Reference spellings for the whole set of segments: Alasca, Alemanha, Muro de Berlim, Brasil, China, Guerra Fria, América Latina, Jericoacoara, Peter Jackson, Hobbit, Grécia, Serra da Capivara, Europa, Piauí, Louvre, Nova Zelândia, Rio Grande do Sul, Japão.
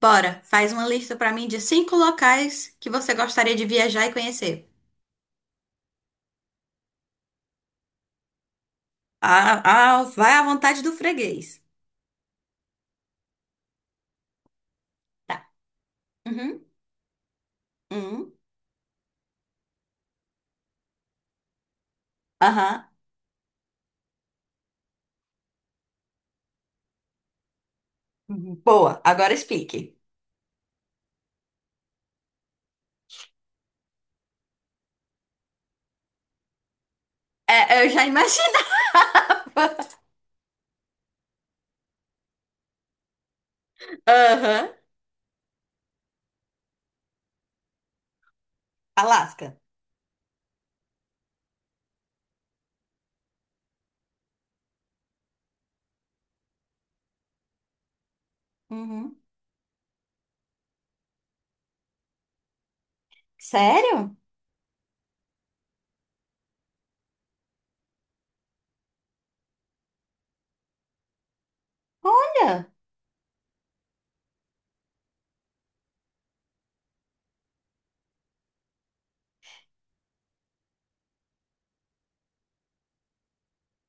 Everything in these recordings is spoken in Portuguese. Bora, faz uma lista pra mim de cinco locais que você gostaria de viajar e conhecer. Ah, vai à vontade do freguês. Tá. Uhum. Uhum. Aham. Boa, agora explique. É, eu já imaginava. Aham. Alasca. Uhum. Sério? Olha.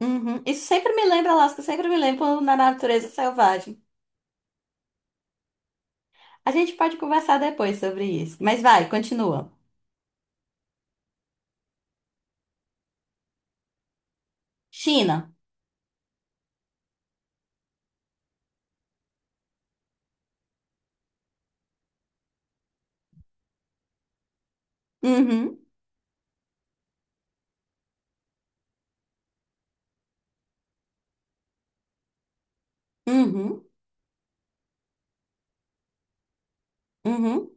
Uhum. Isso sempre me lembra Alasca, sempre me lembra na natureza selvagem. A gente pode conversar depois sobre isso. Mas vai, continua. China. Uhum. Uhum. Uhum.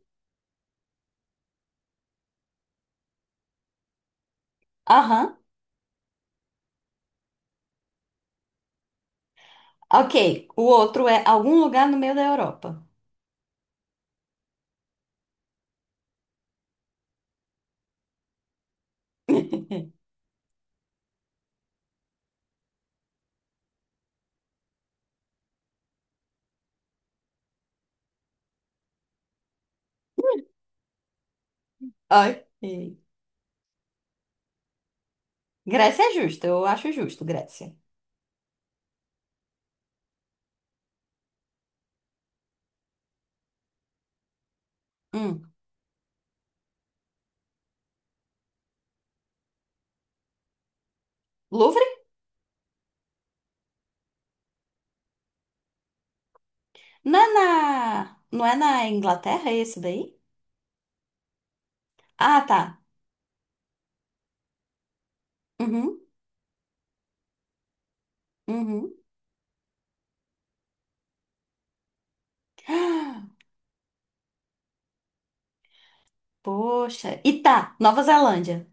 Aham. Ok, o outro é algum lugar no meio da Europa. Ok. Grécia é justo, eu acho justo, Grécia. Hum. Louvre? Não é não é na Inglaterra esse daí? Ah, tá. Uhum, uhum. Poxa. E tá, Nova Zelândia.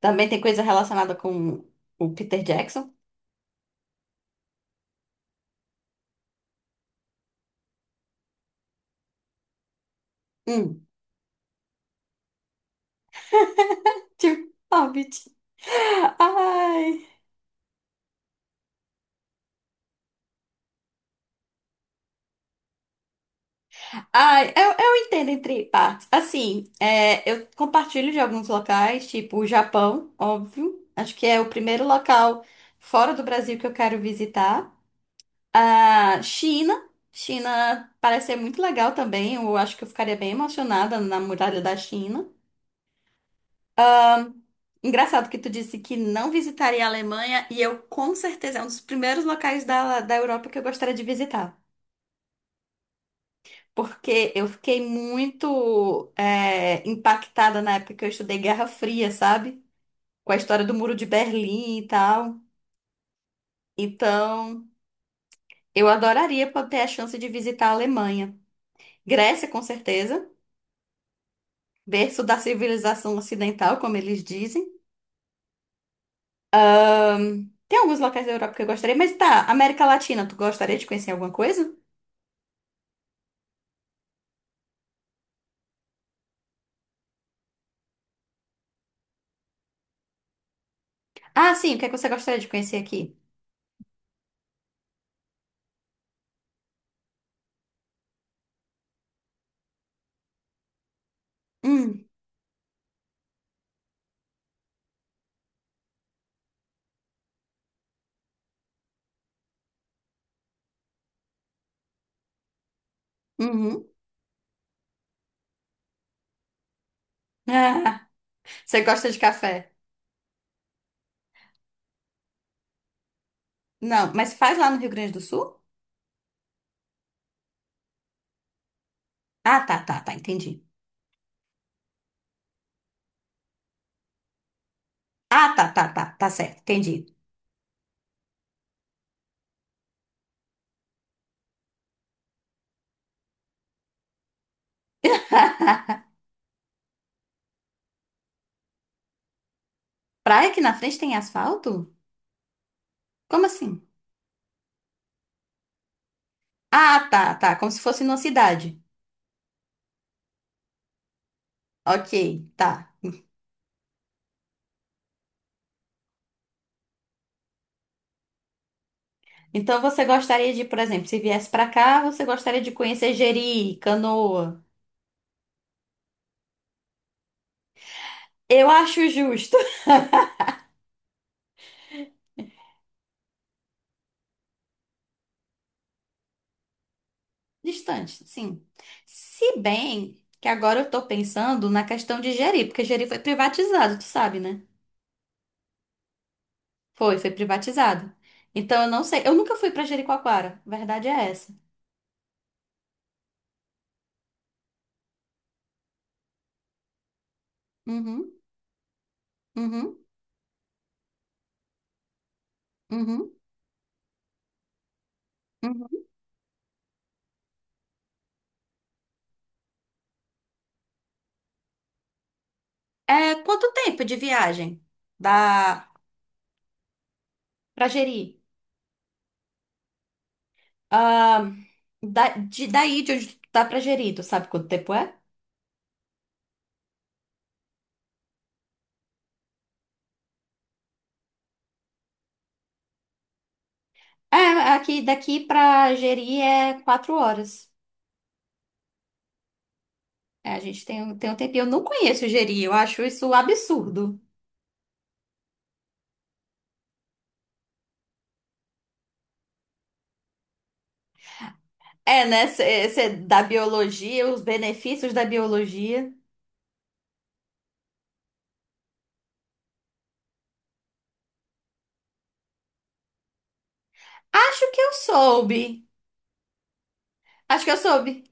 Também tem coisa relacionada com o Peter Jackson? Hum. Tipo, Hobbit. Ai. Ai, eu entendo entre partes. Assim, é, eu compartilho de alguns locais, tipo o Japão, óbvio. Acho que é o primeiro local fora do Brasil que eu quero visitar. A China. China parece ser muito legal também. Eu acho que eu ficaria bem emocionada na muralha da China. Engraçado que tu disse que não visitaria a Alemanha e eu com certeza é um dos primeiros locais da Europa que eu gostaria de visitar. Porque eu fiquei muito é, impactada na época que eu estudei Guerra Fria, sabe? Com a história do Muro de Berlim e tal. Então, eu adoraria poder ter a chance de visitar a Alemanha. Grécia, com certeza, berço da civilização ocidental, como eles dizem. Tem alguns locais da Europa que eu gostaria, mas tá, América Latina, tu gostaria de conhecer alguma coisa? Ah, sim, o que é que você gostaria de conhecer aqui? Hum, uhum. Ah, você gosta de café? Não, mas faz lá no Rio Grande do Sul? Ah, tá, tá, tá, entendi. Ah, tá, tá, tá, tá certo, entendi. Praia que na frente tem asfalto? Como assim? Ah, tá, tá, como se fosse numa cidade. Ok, tá. Então você gostaria de, por exemplo, se viesse pra cá, você gostaria de conhecer Jeri, Canoa. Eu acho justo. Distante, sim. Se bem que agora eu tô pensando na questão de Jeri, porque Jeri foi privatizado, tu sabe, né? Foi privatizado. Então eu não sei, eu nunca fui pra Jericoacoara, verdade é essa. Uhum, uhum, uhum. Uhum. É, quanto tempo de viagem dá pra Jeri? Ah, daí de onde dá pra Jeri, tu sabe quanto tempo é? É, aqui, daqui pra Jeri é 4 horas. É, a gente tem, tem um tempinho. Eu não conheço Jeri, eu acho isso um absurdo. É, né? Da biologia, os benefícios da biologia. Acho que eu soube. Acho que eu soube.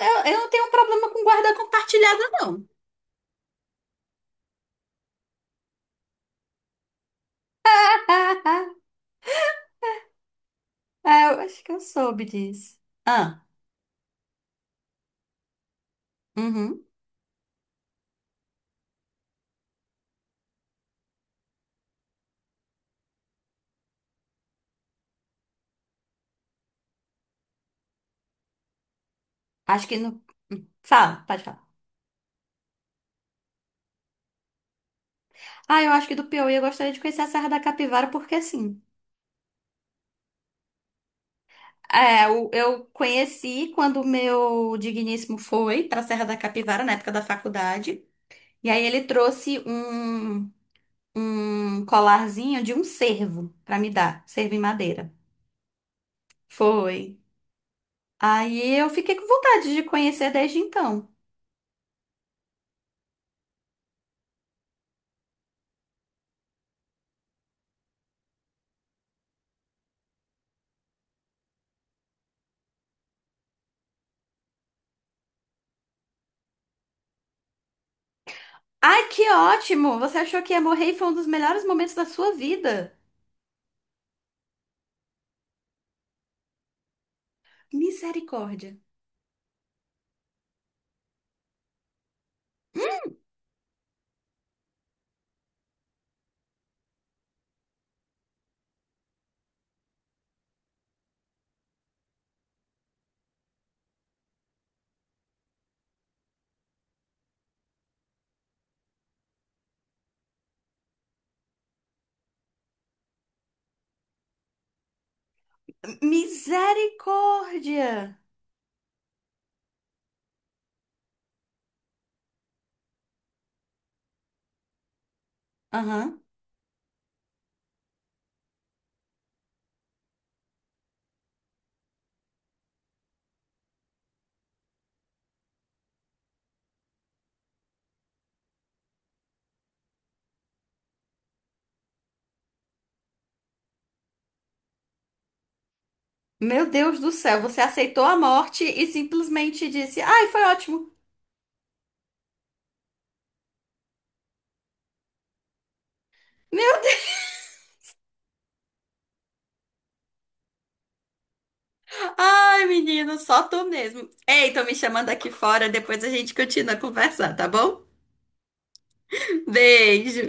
Eu não tenho problema com guarda compartilhada, não. É, eu acho que eu soube disso. Ah. Uhum. Acho que no. Hum, fala, pode falar. Ah, eu acho que do Piauí eu gostaria de conhecer a Serra da Capivara, porque assim. É, eu conheci quando o meu digníssimo foi para a Serra da Capivara, na época da faculdade. E aí ele trouxe um colarzinho de um cervo para me dar, cervo em madeira. Foi. Aí eu fiquei com vontade de conhecer desde então. Ai, que ótimo! Você achou que ia morrer e foi um dos melhores momentos da sua vida. Misericórdia. Misericórdia! Aham. Meu Deus do céu, você aceitou a morte e simplesmente disse: Ai, foi ótimo. Meu Deus! Ai, menino, só tu mesmo. Ei, tô me chamando aqui fora, depois a gente continua a conversar, tá bom? Beijo!